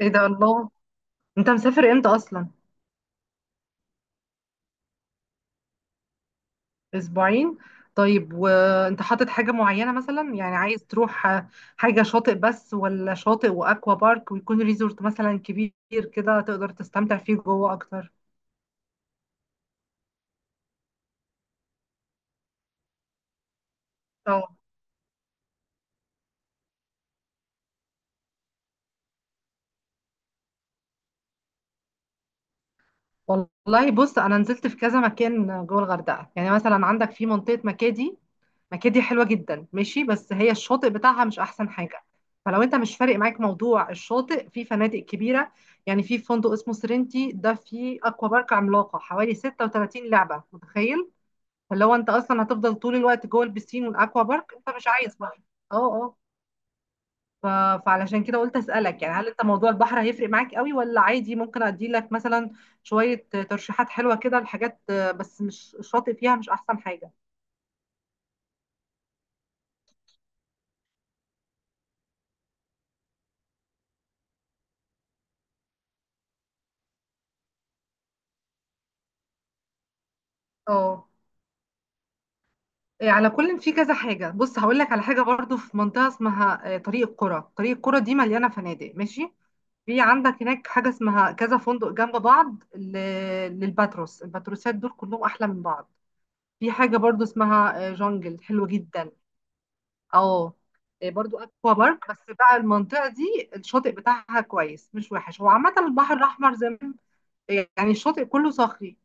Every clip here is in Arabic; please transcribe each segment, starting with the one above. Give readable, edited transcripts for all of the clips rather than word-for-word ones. ايه ده الله. انت مسافر امتى اصلا؟ اسبوعين. طيب وانت حاطط حاجة معينة مثلا، يعني عايز تروح؟ حاجة شاطئ بس ولا شاطئ واكوا بارك، ويكون ريزورت مثلا كبير كده تقدر تستمتع فيه جوه اكتر؟ اه. والله بص، انا نزلت في كذا مكان جوه الغردقه. يعني مثلا عندك في منطقه مكادي. مكادي حلوه جدا ماشي، بس هي الشاطئ بتاعها مش احسن حاجه. فلو انت مش فارق معاك موضوع الشاطئ، في فنادق كبيره. يعني في فندق اسمه سرينتي، ده فيه اكوا بارك عملاقه حوالي 36 لعبه، متخيل؟ فلو انت اصلا هتفضل طول الوقت جوه البسين والاكوا بارك، انت مش عايز بقى. اه، آه. ف... فعلشان كده قلت اسالك، يعني هل انت موضوع البحر هيفرق معاك قوي ولا عادي؟ ممكن ادي لك مثلا شويه ترشيحات حلوه كده لحاجات، بس مش الشاطئ فيها مش احسن حاجه. اه. إيه، على كل في كذا حاجه. بص هقول لك على حاجه برضو، في منطقه اسمها طريق القرى. طريق القرى دي مليانه فنادق ماشي. في عندك هناك حاجه اسمها كذا فندق جنب بعض للباتروس. الباتروسات دول كلهم احلى من بعض. في حاجه برضو اسمها جونجل، حلوه جدا. اه. إيه، برضو اكوا بارك، بس بقى المنطقه دي الشاطئ بتاعها كويس مش وحش. هو عامه البحر الاحمر زي ما- يعني الشاطئ كله صخري،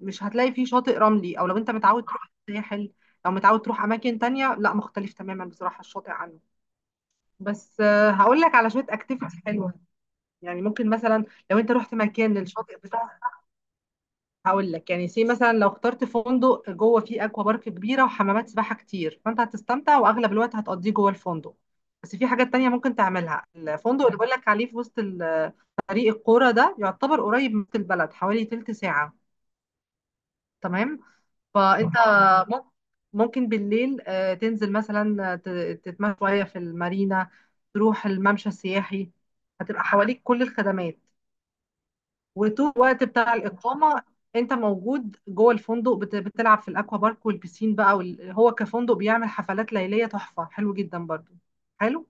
مش هتلاقي فيه شاطئ رملي. او لو انت متعود تروح الساحل، لو متعود تروح اماكن تانية، لا، مختلف تماما بصراحه الشاطئ عنه. بس هقول لك على شويه اكتيفيتي حلوه يعني، ممكن مثلا لو انت رحت مكان الشاطئ بتاعه، هقول لك يعني سي مثلا. لو اخترت فندق جوه فيه اكوا بارك كبيره وحمامات سباحه كتير، فانت هتستمتع واغلب الوقت هتقضيه جوه الفندق. بس في حاجات تانية ممكن تعملها. الفندق اللي بقول لك عليه في وسط طريق القرى ده يعتبر قريب من وسط البلد، حوالي تلت ساعه. تمام. فانت مم- ممكن بالليل تنزل مثلا، تتمشى شويه في المارينا، تروح الممشى السياحي، هتبقى حواليك كل الخدمات. وطول الوقت بتاع الإقامة أنت موجود جوه الفندق، بتلعب في الأكوا بارك والبسين بقى هو كفندق بيعمل حفلات ليلية تحفة، حلو جدا برضو، حلو.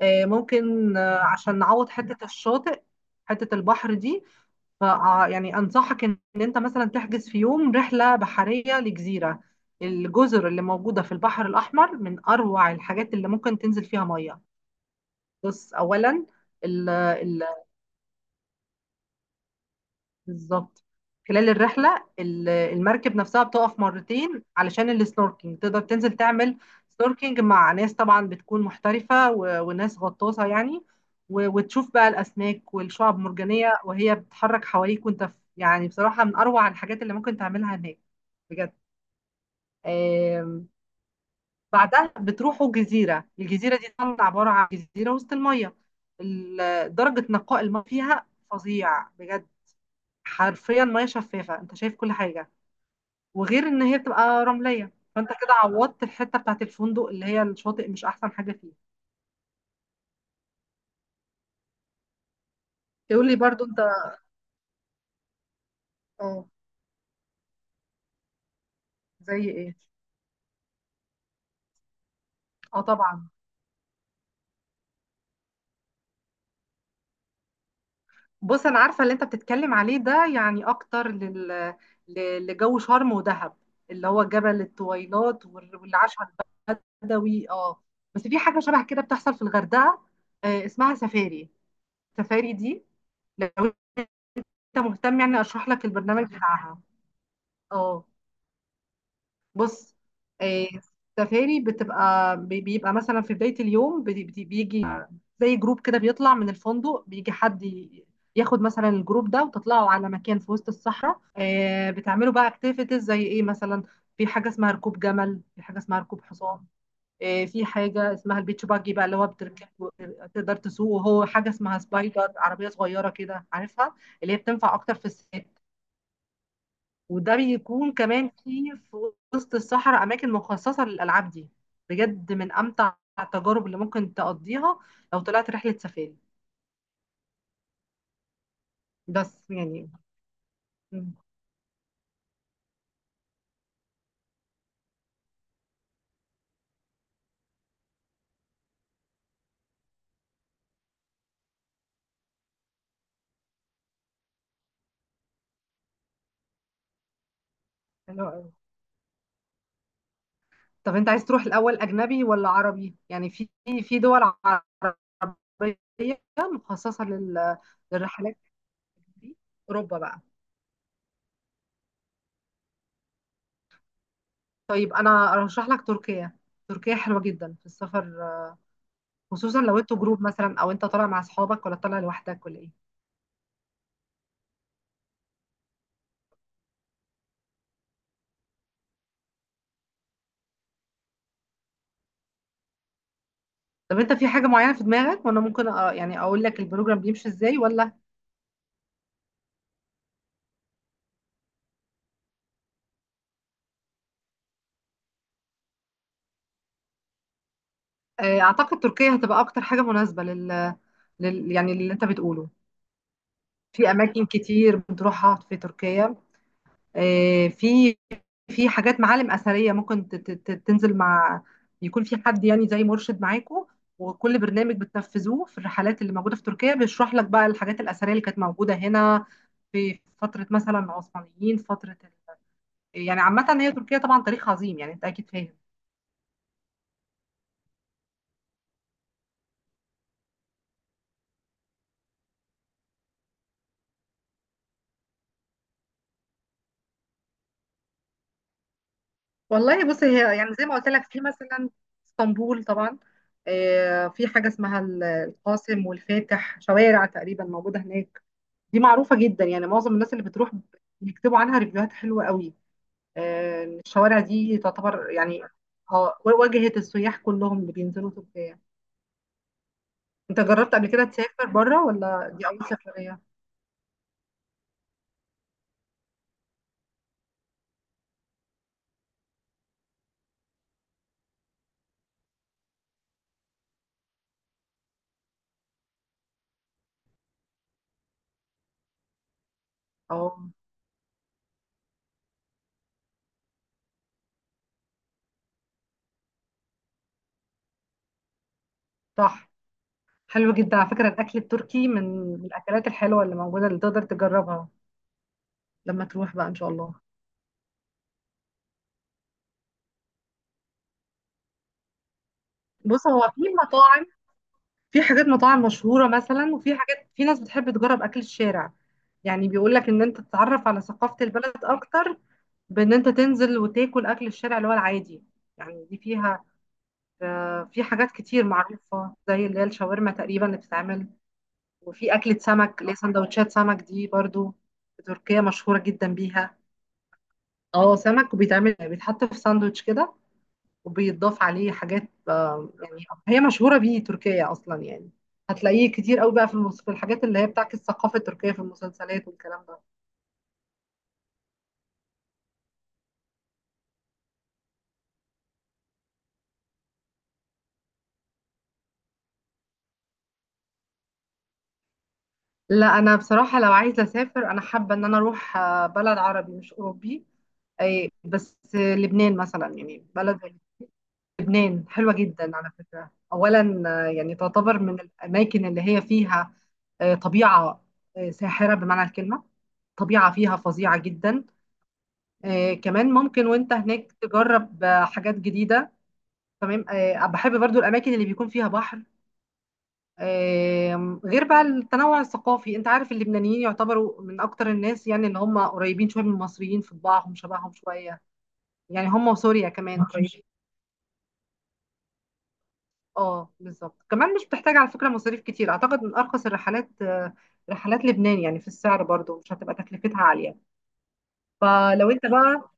ممكن عشان نعوض حتة الشاطئ، حتة البحر دي. ف آه، يعني أنصحك إن أنت مثلا تحجز في يوم رحلة بحرية لجزيرة. الجزر اللي موجودة في البحر الأحمر من أروع الحاجات اللي ممكن تنزل فيها مية. بص أولا، ال- ال- بالظبط، خلال الرحلة المركب نفسها بتقف مرتين علشان السنوركينج، تقدر تنزل تعمل سنوركينج مع ناس طبعا بتكون محترفة وناس غطاسة يعني، وتشوف بقى الأسماك والشعب المرجانية وهي بتتحرك حواليك وانت في، يعني بصراحة من أروع الحاجات اللي ممكن تعملها هناك بجد. آم، بعدها بتروحوا جزيرة. الجزيرة دي طبعا عبارة عن جزيرة وسط المية. درجة نقاء الماء فيها فظيع بجد، حرفيا ميه شفافه انت شايف كل حاجه. وغير ان هي بتبقى رمليه، فانت كده عوضت الحته بتاعت الفندق اللي هي الشاطئ مش احسن حاجه فيه. تقول لي برضو انت. اه. زي ايه؟ اه، طبعا. بص انا عارفه اللي انت بتتكلم عليه ده، يعني اكتر لجو شرم ودهب، اللي هو جبل الطويلات والعشاء البدوي. اه. بس في حاجه شبه كده بتحصل في الغردقه، اسمها سفاري. السفاري دي لو انت مهتم، يعني اشرح لك البرنامج بتاعها. اه. بص، آه، السفاري بتبقى بيبقى مثلا في بداية اليوم، بيجي زي جروب كده بيطلع من الفندق، بيجي حد ياخد مثلا الجروب ده وتطلعوا على مكان في وسط الصحراء. بتعملوا بقى اكتيفيتيز زي ايه مثلا؟ في حاجة اسمها ركوب جمل، في حاجة اسمها ركوب حصان، في حاجة اسمها البيتش باجي، بقى اللي هو بتركب تقدر تسوق. وهو حاجة اسمها سبايدر، عربية صغيرة كده، عارفها؟ اللي هي بتنفع أكتر في الصيف. وده بيكون كمان في وسط الصحراء، أماكن مخصصة للألعاب دي. بجد من أمتع التجارب اللي ممكن تقضيها لو طلعت رحلة سفاري. بس يعني. مم. حلو. أوي. طب أنت عايز تروح الأول أجنبي ولا عربي؟ يعني في دول عربية مخصصة للرحلات دي، أوروبا بقى. طيب أنا أرشح لك تركيا. تركيا حلوة جدا في السفر، خصوصا لو انتوا جروب مثلا، أو أنت طالع مع أصحابك ولا طالع لوحدك ولا إيه؟ طب انت في حاجة معينة في دماغك وانا ممكن يعني اقول لك البروجرام بيمشي ازاي، ولا؟ اعتقد تركيا هتبقى اكتر حاجة مناسبة لل... لل يعني اللي انت بتقوله. في اماكن كتير بتروحها في تركيا، في في حاجات معالم اثرية، ممكن تنزل مع، يكون في حد يعني زي مرشد معاكو. وكل برنامج بتنفذوه في الرحلات اللي موجودة في تركيا بيشرح لك بقى الحاجات الأثرية اللي كانت موجودة هنا في فترة مثلا العثمانيين، فترة يعني عامة هي تركيا طبعا تاريخ عظيم، يعني انت اكيد فاهم. والله بص، هي يعني زي ما قلت لك، في مثلا اسطنبول طبعا. في حاجة اسمها القاسم والفاتح، شوارع تقريبا موجودة هناك. دي معروفة جدا، يعني معظم الناس اللي بتروح بيكتبوا عنها ريفيوهات حلوة قوي. الشوارع دي تعتبر يعني، اه، واجهة السياح كلهم اللي بينزلوا تركيا. انت جربت قبل كده تسافر بره ولا دي أول سفرية؟ اه، صح. حلو جدا على فكرة الأكل التركي، من الأكلات الحلوة اللي موجودة اللي تقدر تجربها لما تروح بقى إن شاء الله. بص هو في مطاعم، في حاجات مطاعم مشهورة مثلا، وفي حاجات في ناس بتحب تجرب أكل الشارع. يعني بيقول لك إن أنت تتعرف على ثقافة البلد أكتر بإن أنت تنزل وتاكل أكل الشارع اللي هو العادي. يعني دي فيها، في حاجات كتير معروفة زي اللي هي الشاورما تقريبا اللي بتتعمل، وفي أكلة سمك اللي هي سندوتشات سمك، دي برضو في تركيا مشهورة جدا بيها. اه، سمك. وبيتعمل يعني بيتحط في ساندوتش كده، وبيتضاف عليه حاجات، يعني هي مشهورة بيه تركيا أصلا. يعني هتلاقيه كتير قوي بقى في في الحاجات اللي هي بتعكس الثقافة التركية في المسلسلات والكلام ده. لا، أنا بصراحة لو عايزة أسافر أنا حابة إن أنا أروح بلد عربي مش أوروبي. أي، بس لبنان مثلا، يعني بلد زي لبنان. حلوة جدا على فكرة أولا، يعني تعتبر من الأماكن اللي هي فيها طبيعة ساحرة بمعنى الكلمة، طبيعة فيها فظيعة جدا. كمان ممكن وانت هناك تجرب حاجات جديدة. تمام. بحب برضو الأماكن اللي بيكون فيها بحر. غير بقى التنوع الثقافي، انت عارف اللبنانيين يعتبروا من أكتر الناس يعني اللي هم قريبين شوية من المصريين في طباعهم، شبههم شوية، يعني هم وسوريا كمان قريبين. اه، بالظبط. كمان مش بتحتاج على فكرة مصاريف كتير، أعتقد من أرخص الرحلات رحلات لبنان، يعني في السعر برضو مش هتبقى تكلفتها عالية. فلو انت بقى.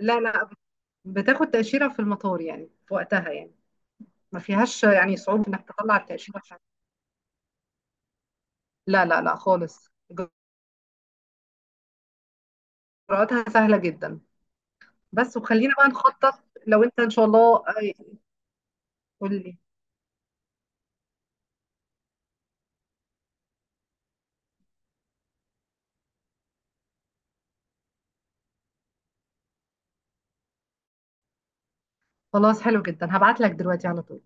لا، لا، بتاخد تأشيرة في المطار يعني، في وقتها يعني، ما فيهاش يعني صعوبة انك تطلع التأشيرة بتاعتك. لا، لا، لا، خالص. اجراءاتها سهلة جدا. بس وخلينا بقى نخطط لو انت ان شاء الله، قول لي. خلاص حلو جدا، هبعت لك دلوقتي على طول.